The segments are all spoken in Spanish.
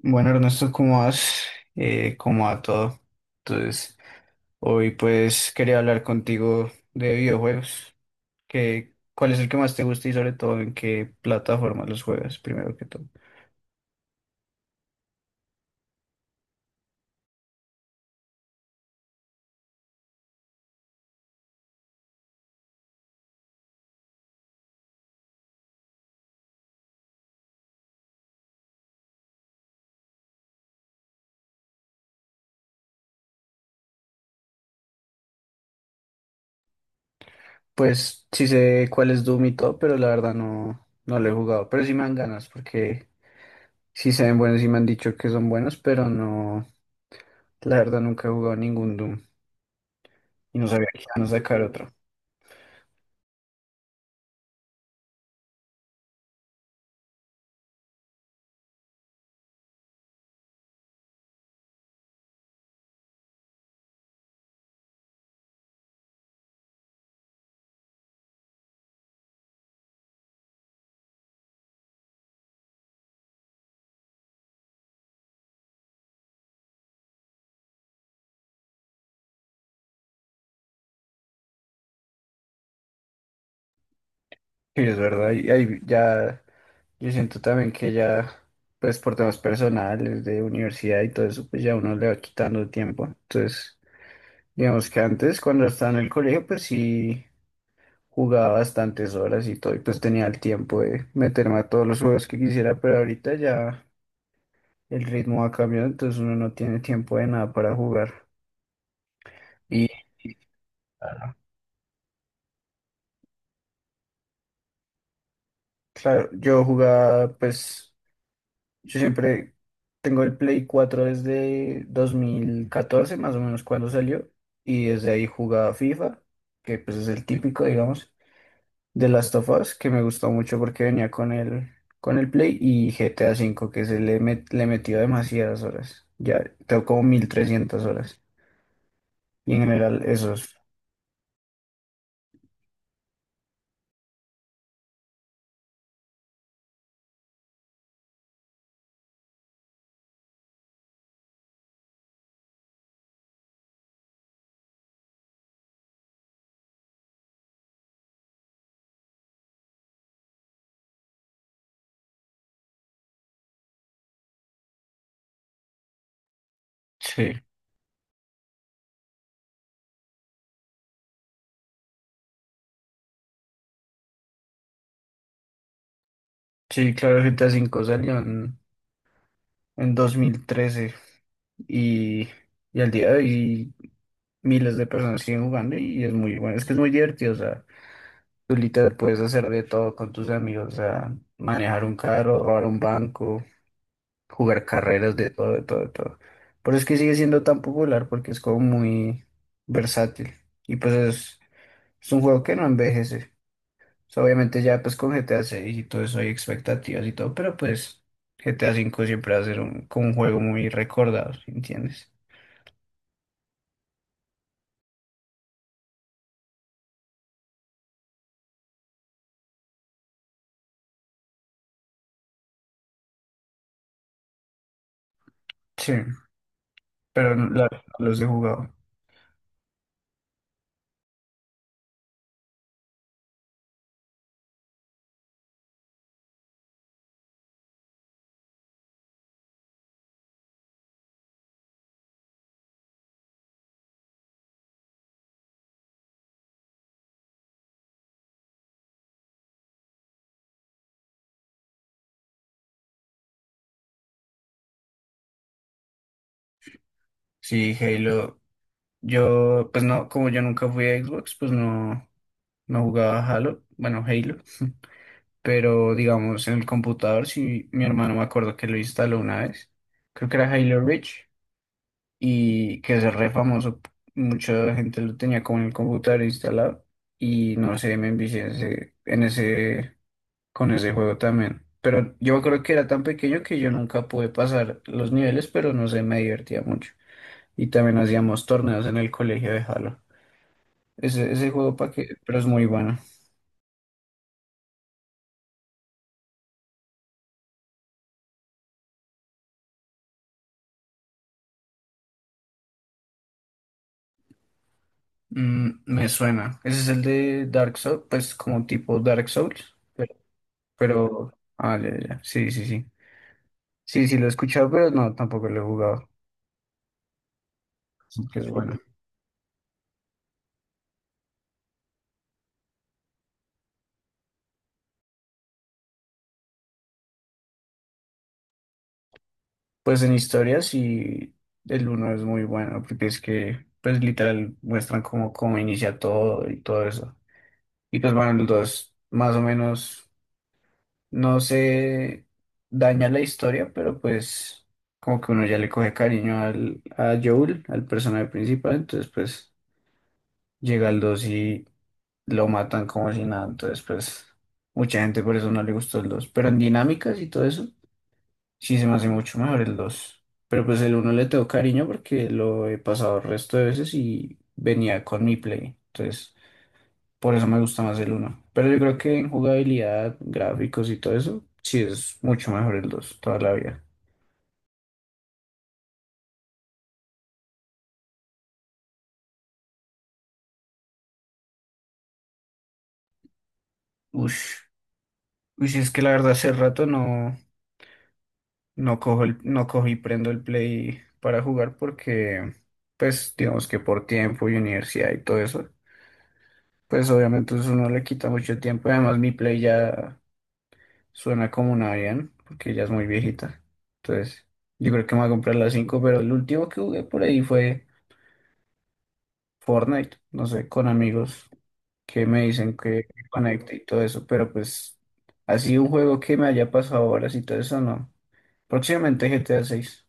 Bueno, Ernesto, ¿cómo vas? ¿Cómo va todo? Entonces, hoy pues quería hablar contigo de videojuegos. ¿Cuál es el que más te gusta y sobre todo en qué plataforma los juegas, primero que todo? Pues sí sé cuál es Doom y todo, pero la verdad no, no lo he jugado. Pero sí me dan ganas porque sí se ven buenos y me han dicho que son buenos, pero no, la verdad nunca he jugado ningún Doom y no sabía que iban a sacar otro. Sí, es verdad, y ahí ya. Yo siento también que ya, pues por temas personales, de universidad y todo eso, pues ya uno le va quitando el tiempo. Entonces, digamos que antes, cuando estaba en el colegio, pues sí jugaba bastantes horas y todo, y pues tenía el tiempo de meterme a todos los juegos que quisiera, pero ahorita ya el ritmo ha cambiado, entonces uno no tiene tiempo de nada para jugar. Y claro, yo jugaba, pues. Yo siempre tengo el Play cuatro desde 2014 más o menos cuando salió, y desde ahí jugaba FIFA, que pues es el típico, digamos, de Last of Us, que me gustó mucho porque venía con con el Play y GTA V, que se le, le metió demasiadas horas. Ya tengo como 1300 horas. Y en general esos. Sí, sí, claro, GTA V salió en 2013 y, y al día de hoy, miles de personas siguen jugando y es muy bueno. Es que es muy divertido, o sea, tú literal puedes hacer de todo con tus amigos, o sea, manejar un carro, robar un banco, jugar carreras, de todo, de todo, de todo. Por eso es que sigue siendo tan popular porque es como muy versátil y es un juego que no envejece. O sea, obviamente ya pues con GTA 6 y todo eso hay expectativas y todo, pero pues GTA 5 siempre va a ser como un juego muy recordado, ¿sí entiendes? Sí, pero los he jugado. Sí, Halo. Yo, pues no, como yo nunca fui a Xbox, pues no, no jugaba Halo, bueno, Halo, pero digamos en el computador, sí, mi hermano me acuerdo que lo instaló una vez, creo que era Halo Reach, y que es re famoso, mucha gente lo tenía como en el computador instalado, y no sé, me envicié en con ese juego también, pero yo creo que era tan pequeño que yo nunca pude pasar los niveles, pero no sé, me divertía mucho, y también hacíamos torneos en el colegio de Halo. Ese juego para que, pero es muy bueno. Mm, me suena. Ese es el de Dark Souls, pues como tipo Dark Souls, pero, pero- ah, ya, ya, ya. Sí, sí, sí. Sí, sí, lo he escuchado, pero no, tampoco lo he jugado. Sí, que es bueno. Pues en historia sí, el uno es muy bueno, porque es que, pues literal, muestran cómo inicia todo y todo eso. Y pues bueno, el dos, más o menos no se daña la historia, pero pues como que uno ya le coge cariño a Joel, al personaje principal, entonces pues llega el 2 y lo matan como si nada, entonces pues mucha gente por eso no le gustó el dos, pero en dinámicas y todo eso sí se me hace mucho mejor el dos, pero pues el uno le tengo cariño porque lo he pasado el resto de veces y venía con mi play, entonces por eso me gusta más el uno. Pero yo creo que en jugabilidad, gráficos y todo eso, sí es mucho mejor el 2 toda la vida. Ush. Ush, es que la verdad hace rato no cojo no cojo y prendo el Play para jugar porque, pues, digamos que por tiempo y universidad y todo eso, pues obviamente eso no le quita mucho tiempo. Además, mi Play ya suena como una bien, porque ya es muy viejita. Entonces, yo creo que me voy a comprar la 5, pero el último que jugué por ahí fue Fortnite, no sé, con amigos, que me dicen que conecte y todo eso, pero pues así un juego que me haya pasado horas y todo eso, no. Próximamente GTA 6.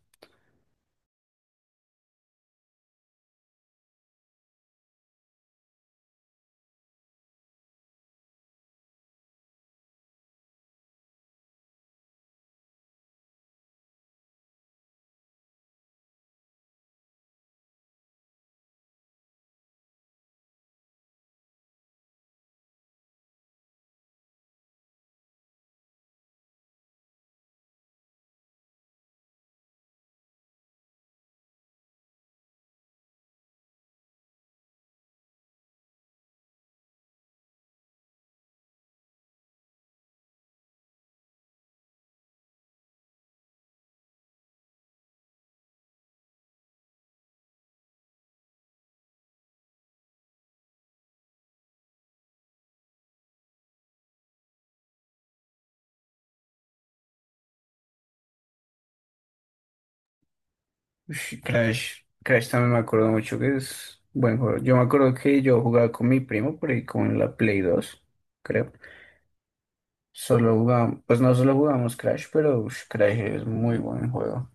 Crash también me acuerdo mucho que es buen juego. Yo me acuerdo que yo jugaba con mi primo por ahí con la Play 2 creo. Solo jugábamos, pues no solo jugamos Crash, pero ush, Crash es muy buen juego.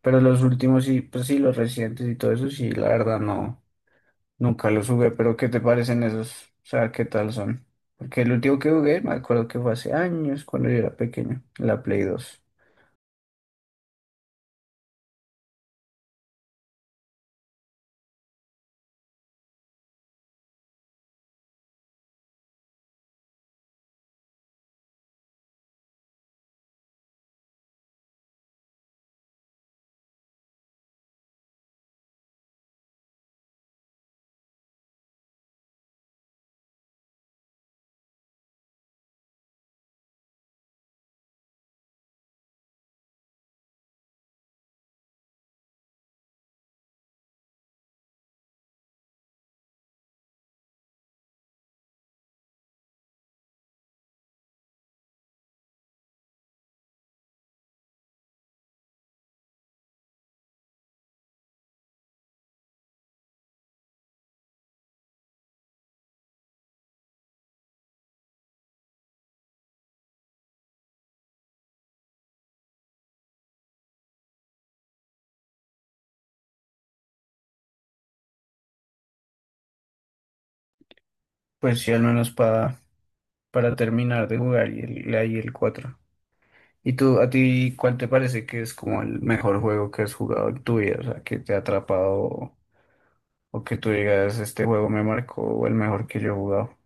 Pero los últimos y pues sí, los recientes y todo eso, sí, la verdad no. Nunca los jugué, pero ¿qué te parecen esos? O sea, ¿qué tal son? Porque el último que jugué, me acuerdo que fue hace años, cuando yo era pequeño, la Play dos. Pues sí, al menos para terminar de jugar y el, ahí el cuatro. ¿Y tú, a ti, cuál te parece que es como el mejor juego que has jugado en tu vida? O sea, que te ha atrapado o que tú digas, este juego me marcó o el mejor que yo he jugado.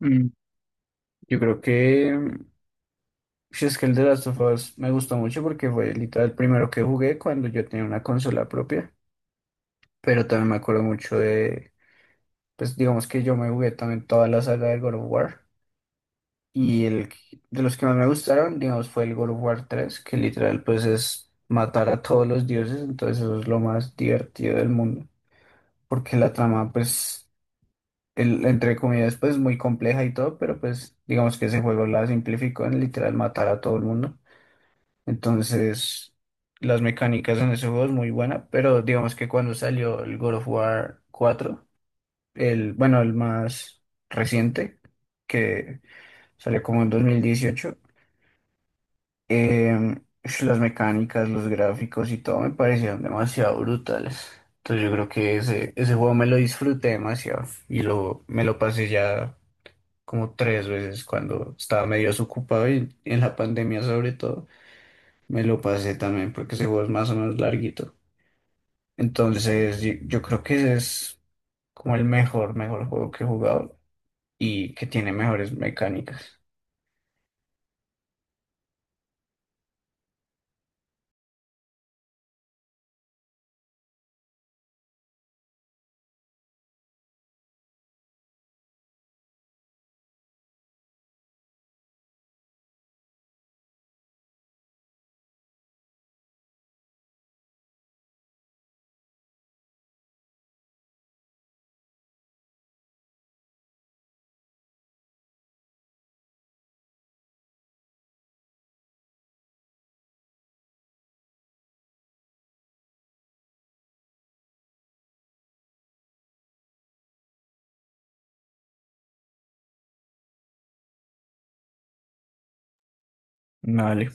Mm, yo creo que, mm, si es que el de Last of Us me gustó mucho porque fue literal el primero que jugué cuando yo tenía una consola propia, pero también me acuerdo mucho de, pues digamos que yo me jugué también toda la saga del God of War, y de los que más me gustaron, digamos, fue el God of War tres, que literal pues es matar a todos los dioses, entonces eso es lo más divertido del mundo, porque la trama pues, el, entre comillas, pues es muy compleja y todo, pero pues digamos que ese juego la simplificó en literal matar a todo el mundo, entonces... Las mecánicas en ese juego es muy buena, pero digamos que cuando salió el God of War cuatro, bueno, el más reciente, que salió como en 2018. Las mecánicas, los gráficos y todo me parecieron demasiado brutales. Entonces yo creo que ese juego me lo disfruté demasiado y me lo pasé ya como tres veces cuando estaba medio desocupado, y en la pandemia sobre todo me lo pasé también porque ese juego es más o menos larguito. Entonces yo creo que ese es como el mejor juego que he jugado, y que tiene mejores mecánicas. Vale,